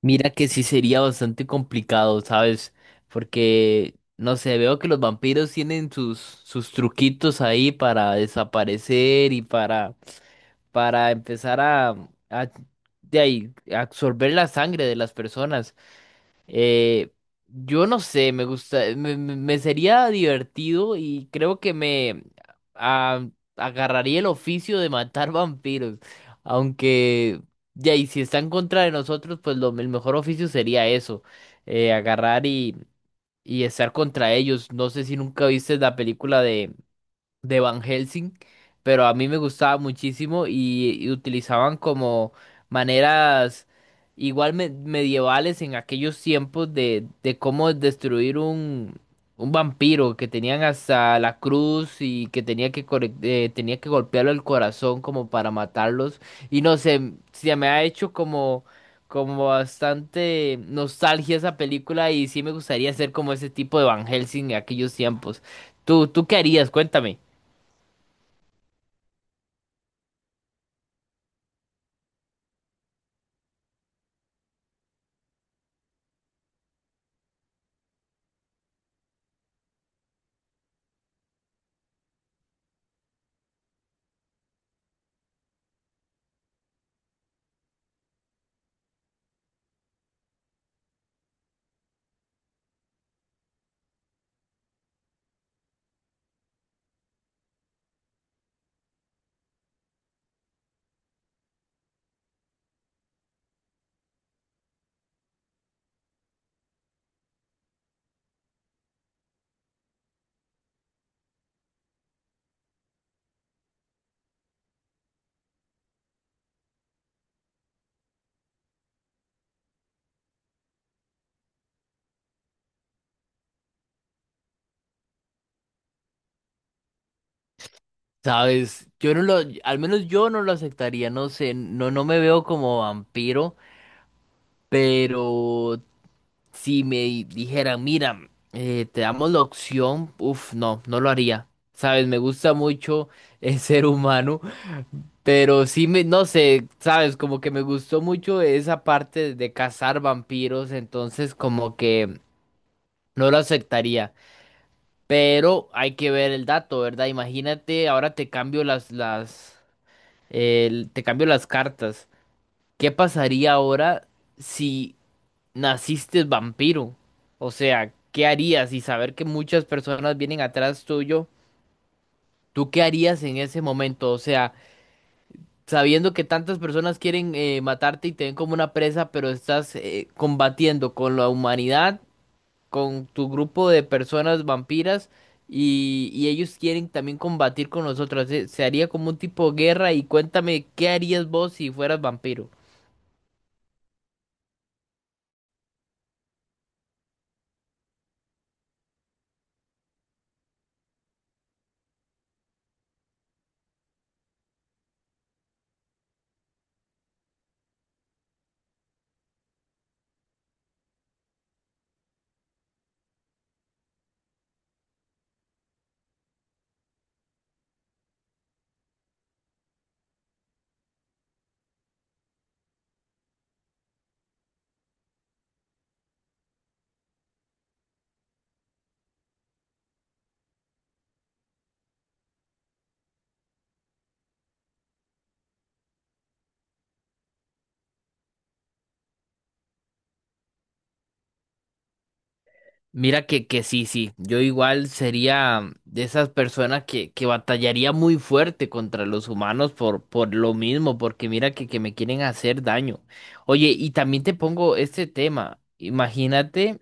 Mira que sí sería bastante complicado, ¿sabes? Porque, no sé, veo que los vampiros tienen sus truquitos ahí para desaparecer y para empezar a de ahí, absorber la sangre de las personas. Eh, yo no sé, me gusta, me sería divertido y creo que me ah, agarraría el oficio de matar vampiros. Aunque, ya, y si están contra de nosotros, pues el mejor oficio sería eso, agarrar y estar contra ellos. No sé si nunca viste la película de Van Helsing, pero a mí me gustaba muchísimo y utilizaban como maneras igual medievales en aquellos tiempos de cómo destruir un vampiro que tenían hasta la cruz y que tenía que, tenía que golpearlo el corazón como para matarlos. Y no sé, se me ha hecho como... Como bastante nostalgia esa película y sí me gustaría ser como ese tipo de Van Helsing en aquellos tiempos. ¿¿Tú qué harías? Cuéntame. Sabes, yo no lo, al menos yo no lo aceptaría, no sé, no, no me veo como vampiro, pero si dijeran, mira, te damos la opción, uff, no, no lo haría. Sabes, me gusta mucho el ser humano, pero sí me, no sé, sabes, como que me gustó mucho esa parte de cazar vampiros, entonces como que no lo aceptaría. Pero hay que ver el dato, ¿verdad? Imagínate, ahora te cambio te cambio las cartas. ¿Qué pasaría ahora si naciste vampiro? O sea, ¿qué harías? Y saber que muchas personas vienen atrás tuyo, ¿tú qué harías en ese momento? O sea, sabiendo que tantas personas quieren matarte y te ven como una presa, pero estás combatiendo con la humanidad, con tu grupo de personas vampiras. Y ellos quieren también combatir con nosotros. Se haría como un tipo de guerra. Y cuéntame, ¿qué harías vos si fueras vampiro? Mira que sí, sí, yo igual sería de esas personas que batallaría muy fuerte contra los humanos por lo mismo, porque mira que me quieren hacer daño. Oye, y también te pongo este tema, imagínate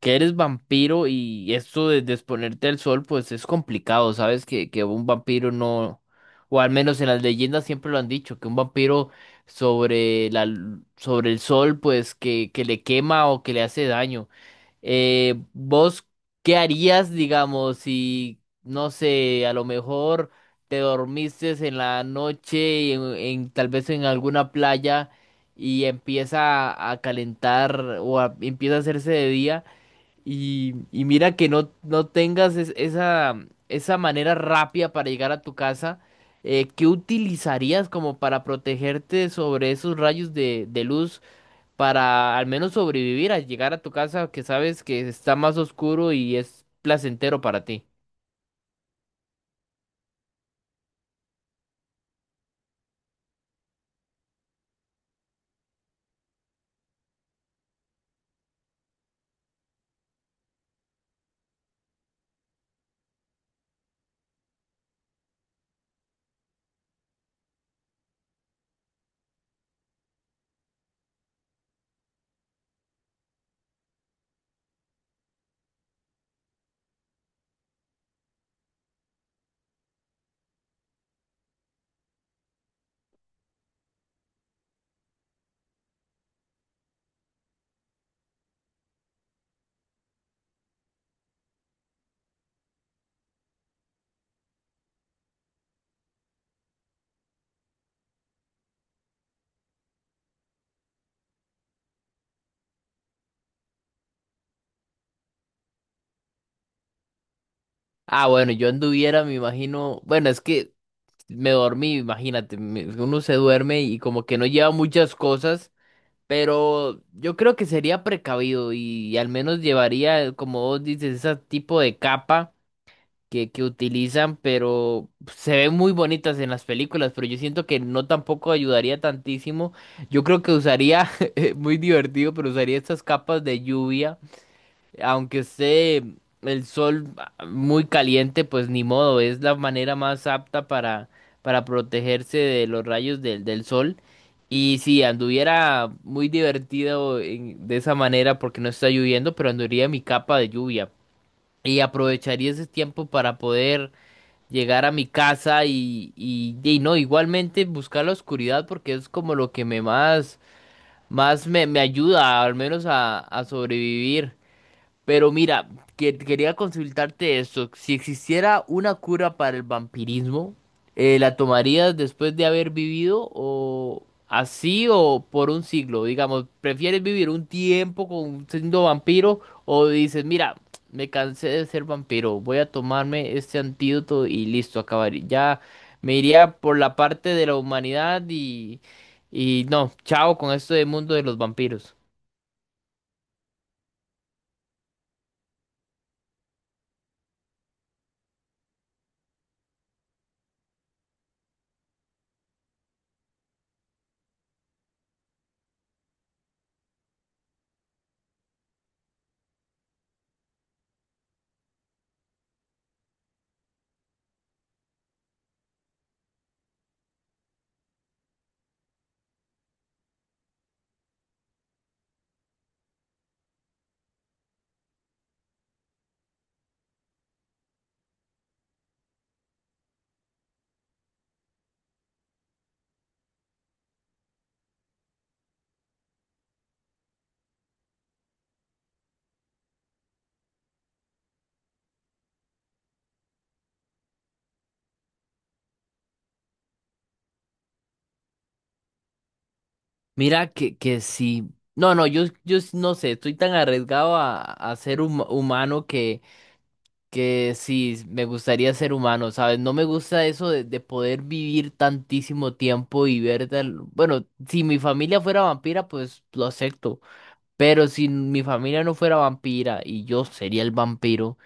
que eres vampiro y esto de exponerte al sol, pues es complicado, ¿sabes? Que un vampiro no, o al menos en las leyendas siempre lo han dicho, que un vampiro sobre el sol, pues que le quema o que le hace daño. ¿Vos qué harías, digamos, si, no sé, a lo mejor te dormiste en la noche tal vez en alguna playa y empieza a calentar o empieza a hacerse de día y mira que no, no tengas esa, esa manera rápida para llegar a tu casa? ¿Qué utilizarías como para protegerte sobre esos rayos de luz? Para al menos sobrevivir a llegar a tu casa que sabes que está más oscuro y es placentero para ti. Ah, bueno, yo anduviera, me imagino, bueno, es que me dormí, imagínate, uno se duerme y como que no lleva muchas cosas, pero yo creo que sería precavido y, al menos llevaría, como vos dices, ese tipo de capa que utilizan, pero se ven muy bonitas en las películas, pero yo siento que no tampoco ayudaría tantísimo. Yo creo que usaría, muy divertido, pero usaría estas capas de lluvia, aunque esté el sol muy caliente, pues ni modo, es la manera más apta para protegerse de los rayos del, del sol. Y si anduviera muy divertido de esa manera porque no está lloviendo, pero anduviera mi capa de lluvia. Y aprovecharía ese tiempo para poder llegar a mi casa y no, igualmente buscar la oscuridad porque es como lo que me más, más me, me ayuda al menos a sobrevivir. Pero mira, quería consultarte esto. Si existiera una cura para el vampirismo, ¿la tomarías después de haber vivido o así o por un siglo? Digamos, ¿prefieres vivir un tiempo con, siendo vampiro o dices, mira, me cansé de ser vampiro, voy a tomarme este antídoto y listo, acabaría? Ya me iría por la parte de la humanidad y no, chao con esto del mundo de los vampiros. Mira que sí. No, no, yo no sé, estoy tan arriesgado a ser humano que sí, me gustaría ser humano, ¿sabes? No me gusta eso de poder vivir tantísimo tiempo y ver tal... Bueno, si mi familia fuera vampira, pues lo acepto. Pero si mi familia no fuera vampira y yo sería el vampiro.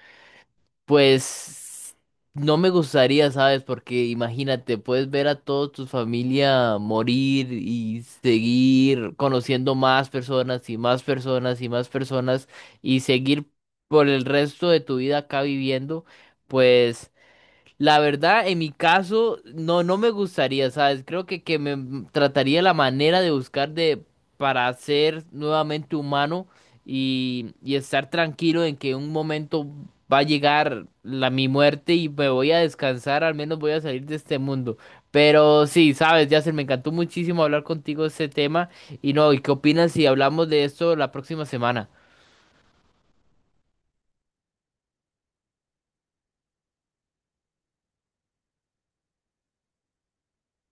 Pues no me gustaría, ¿sabes? Porque imagínate, puedes ver a toda tu familia morir y seguir conociendo más personas y más personas y más personas y seguir por el resto de tu vida acá viviendo, pues... La verdad, en mi caso, no, no me gustaría, ¿sabes? Creo que me trataría la manera de buscar de para ser nuevamente humano y estar tranquilo en que un momento va a llegar la mi muerte y me voy a descansar, al menos voy a salir de este mundo. Pero sí, sabes, Yasser, me encantó muchísimo hablar contigo de este tema. Y no, ¿y qué opinas si hablamos de esto la próxima semana?